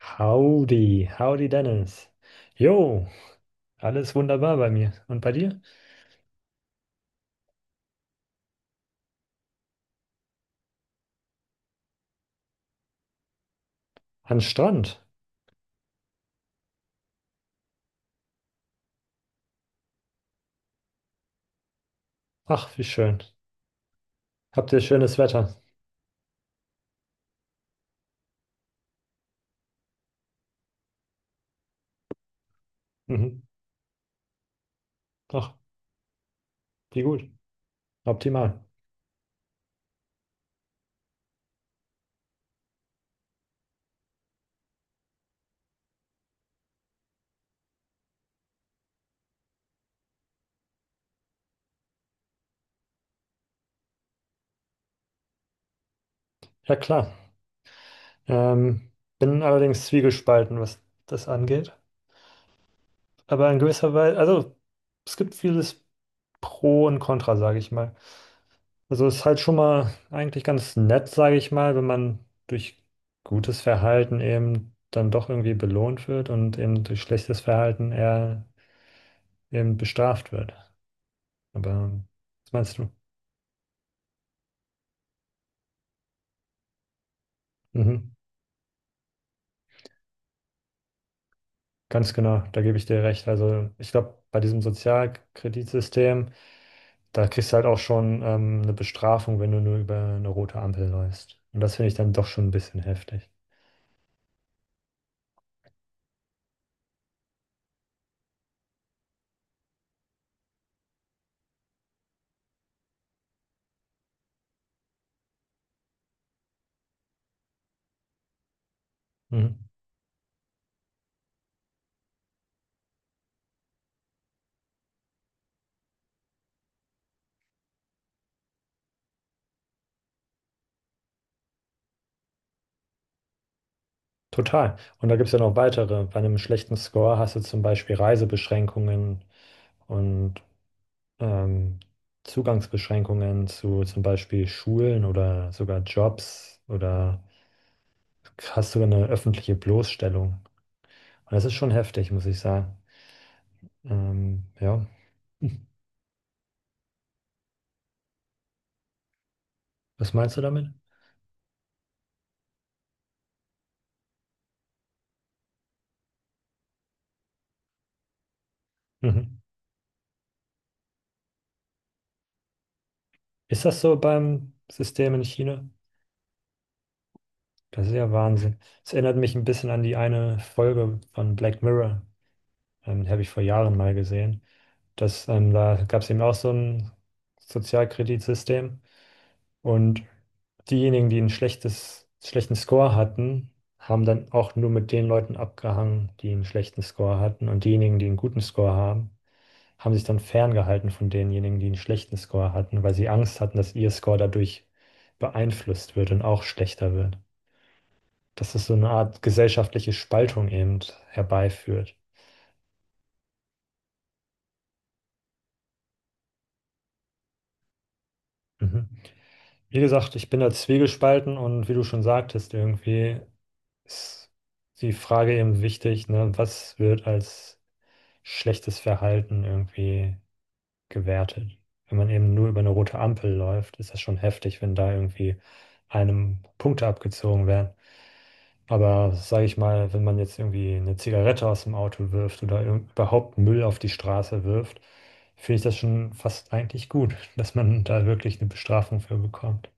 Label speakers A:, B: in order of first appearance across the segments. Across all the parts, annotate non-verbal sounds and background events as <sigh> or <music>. A: Howdy, howdy Dennis. Jo, alles wunderbar bei mir. Und bei dir? An Strand. Ach, wie schön. Habt ihr schönes Wetter? Mhm. Ach, wie gut. Optimal. Ja, klar. Ähm, Bin allerdings zwiegespalten, was das angeht. Aber in gewisser Weise, also es gibt vieles Pro und Contra, sage ich mal. Also ist halt schon mal eigentlich ganz nett, sage ich mal, wenn man durch gutes Verhalten eben dann doch irgendwie belohnt wird und eben durch schlechtes Verhalten eher eben bestraft wird. Aber was meinst du? Mhm. Ganz genau, da gebe ich dir recht. Also ich glaube, bei diesem Sozialkreditsystem da kriegst du halt auch schon eine Bestrafung, wenn du nur über eine rote Ampel läufst. Und das finde ich dann doch schon ein bisschen heftig. Mhm. Total. Und da gibt es ja noch weitere. Bei einem schlechten Score hast du zum Beispiel Reisebeschränkungen und ähm, Zugangsbeschränkungen zu zum Beispiel Schulen oder sogar Jobs oder hast sogar eine öffentliche Bloßstellung. Und das ist schon heftig, muss ich sagen. Ähm, ja, was meinst du damit? Mhm. Ist das so beim System in China? Das ist ja Wahnsinn. Es erinnert mich ein bisschen an die eine Folge von Black Mirror. Die habe ich vor Jahren mal gesehen. Da gab es eben auch so ein Sozialkreditsystem. Und diejenigen, die ein schlechten Score hatten, haben dann auch nur mit den Leuten abgehangen, die einen schlechten Score hatten. Und diejenigen, die einen guten Score haben, haben sich dann ferngehalten von denjenigen, die einen schlechten Score hatten, weil sie Angst hatten, dass ihr Score dadurch beeinflusst wird und auch schlechter wird. Dass es so eine Art gesellschaftliche Spaltung eben herbeiführt. Mhm. Wie gesagt, ich bin da zwiegespalten und wie du schon sagtest, irgendwie ist die Frage eben wichtig, ne? Was wird als schlechtes Verhalten irgendwie gewertet? Wenn man eben nur über eine rote Ampel läuft, ist das schon heftig, wenn da irgendwie einem Punkte abgezogen werden. Aber sage ich mal, wenn man jetzt irgendwie eine Zigarette aus dem Auto wirft oder überhaupt Müll auf die Straße wirft, finde ich das schon fast eigentlich gut, <laughs> dass man da wirklich eine Bestrafung für bekommt.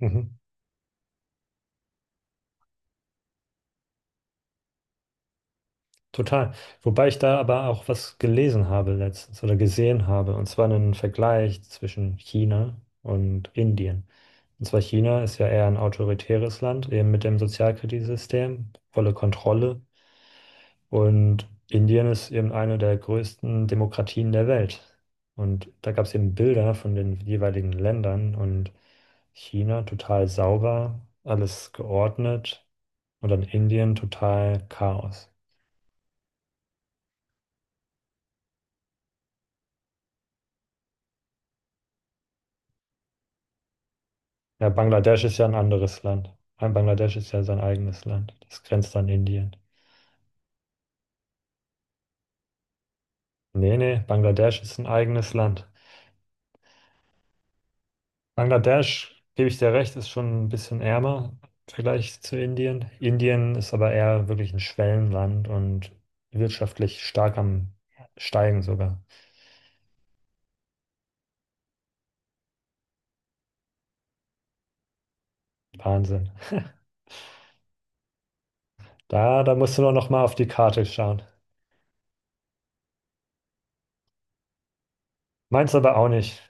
A: Mhm. Total. Wobei ich da aber auch was gelesen habe letztens oder gesehen habe, und zwar einen Vergleich zwischen China und Indien. Und zwar China ist ja eher ein autoritäres Land, eben mit dem Sozialkreditsystem, volle Kontrolle. Und Indien ist eben eine der größten Demokratien der Welt. Und da gab es eben Bilder von den jeweiligen Ländern und China total sauber, alles geordnet und dann Indien total Chaos. Ja, Bangladesch ist ja ein anderes Land. Ein Bangladesch ist ja sein eigenes Land. Das grenzt an Indien. Nee, nee, Bangladesch ist ein eigenes Land. Bangladesch, gebe ich dir recht, ist schon ein bisschen ärmer im Vergleich zu Indien. Indien ist aber eher wirklich ein Schwellenland und wirtschaftlich stark am Steigen sogar. Wahnsinn. <laughs> Da, da musst du doch noch mal auf die Karte schauen. Meins aber auch nicht.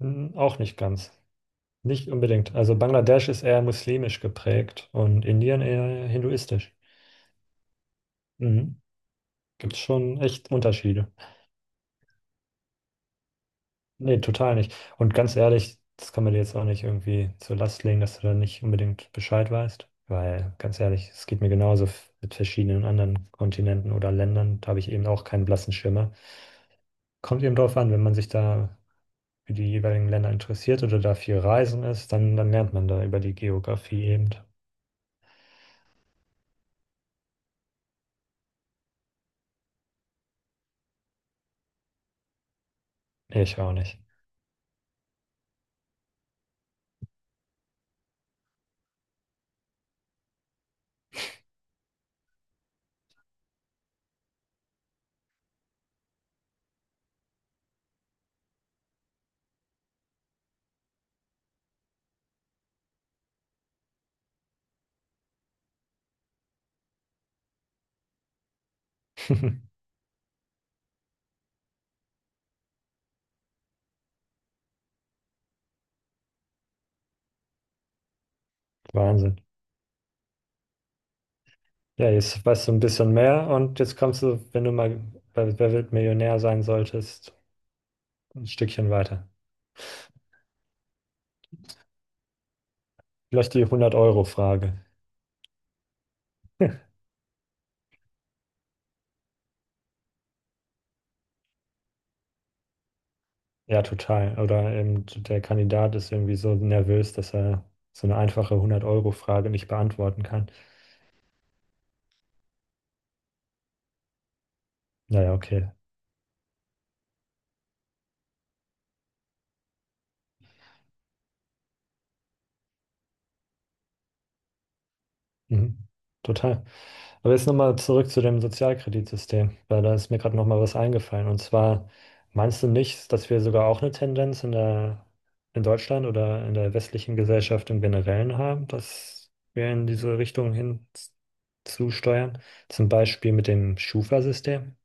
A: Hm, auch nicht ganz. Nicht unbedingt. Also Bangladesch ist eher muslimisch geprägt und Indien eher hinduistisch. Mhm. Gibt es schon echt Unterschiede. Nee, total nicht. Und ganz ehrlich, das kann man dir jetzt auch nicht irgendwie zur Last legen, dass du da nicht unbedingt Bescheid weißt. Weil, ganz ehrlich, es geht mir genauso mit verschiedenen anderen Kontinenten oder Ländern. Da habe ich eben auch keinen blassen Schimmer. Kommt eben drauf an, wenn man sich da für die jeweiligen Länder interessiert oder da viel reisen ist, dann lernt man da über die Geografie eben. Nee, ich auch nicht. <laughs> Wahnsinn. Ja, jetzt weißt du ein bisschen mehr und jetzt kommst du, wenn du mal bei Wer wird Millionär sein solltest, ein Stückchen weiter. Vielleicht die 100-Euro-Frage. Ja, total. Oder eben der Kandidat ist irgendwie so nervös, dass er so eine einfache 100-Euro-Frage nicht beantworten kann. Naja, okay. Mhm. Total. Aber jetzt nochmal zurück zu dem Sozialkreditsystem, weil da ist mir gerade nochmal was eingefallen. Und zwar, meinst du nicht, dass wir sogar auch eine Tendenz in Deutschland oder in der westlichen Gesellschaft im Generellen haben, dass wir in diese Richtung hin zusteuern? Zum Beispiel mit dem Schufa-System.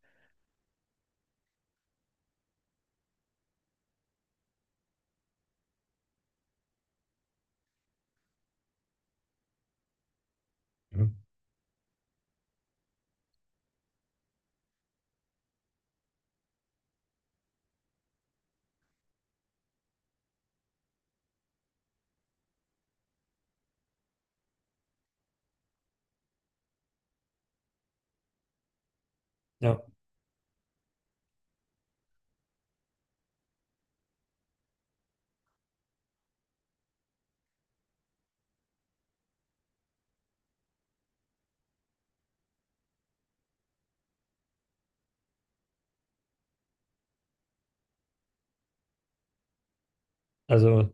A: Mhm. Ja, also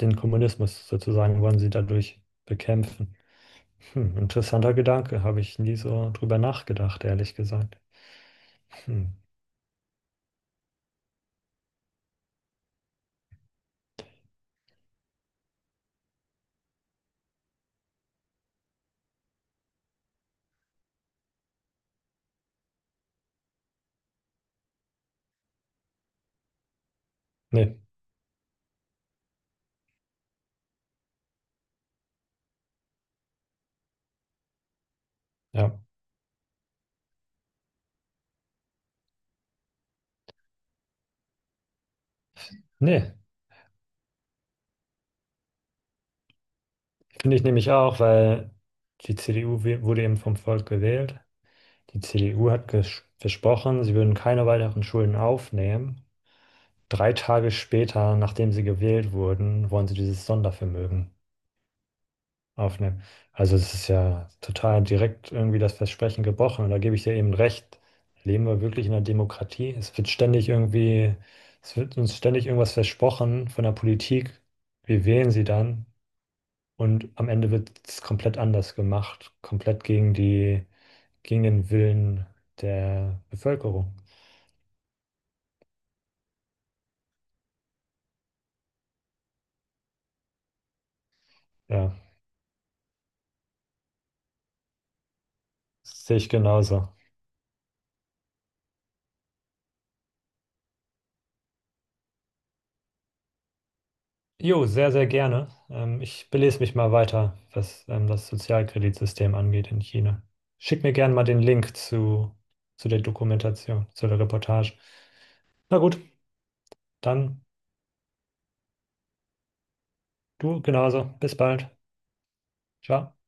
A: den Kommunismus sozusagen wollen sie dadurch bekämpfen. Hm, interessanter Gedanke, habe ich nie so drüber nachgedacht, ehrlich gesagt. Hm. Nee. Ja. Nee, finde ich nämlich auch, weil die CDU wurde eben vom Volk gewählt. Die CDU hat versprochen, sie würden keine weiteren Schulden aufnehmen. 3 Tage später, nachdem sie gewählt wurden, wollen sie dieses Sondervermögen aufnehmen. Also es ist ja total direkt irgendwie das Versprechen gebrochen. Und da gebe ich dir eben recht. Leben wir wirklich in einer Demokratie? Es wird ständig irgendwie, es wird uns ständig irgendwas versprochen von der Politik. Wir wählen sie dann. Und am Ende wird es komplett anders gemacht, komplett gegen gegen den Willen der Bevölkerung. Ja, das sehe ich genauso. Jo, sehr, sehr gerne. Ich belese mich mal weiter, was das Sozialkreditsystem angeht in China. Schick mir gerne mal den Link zu der Dokumentation, zu der Reportage. Na gut, dann du genauso. Bis bald. Ciao.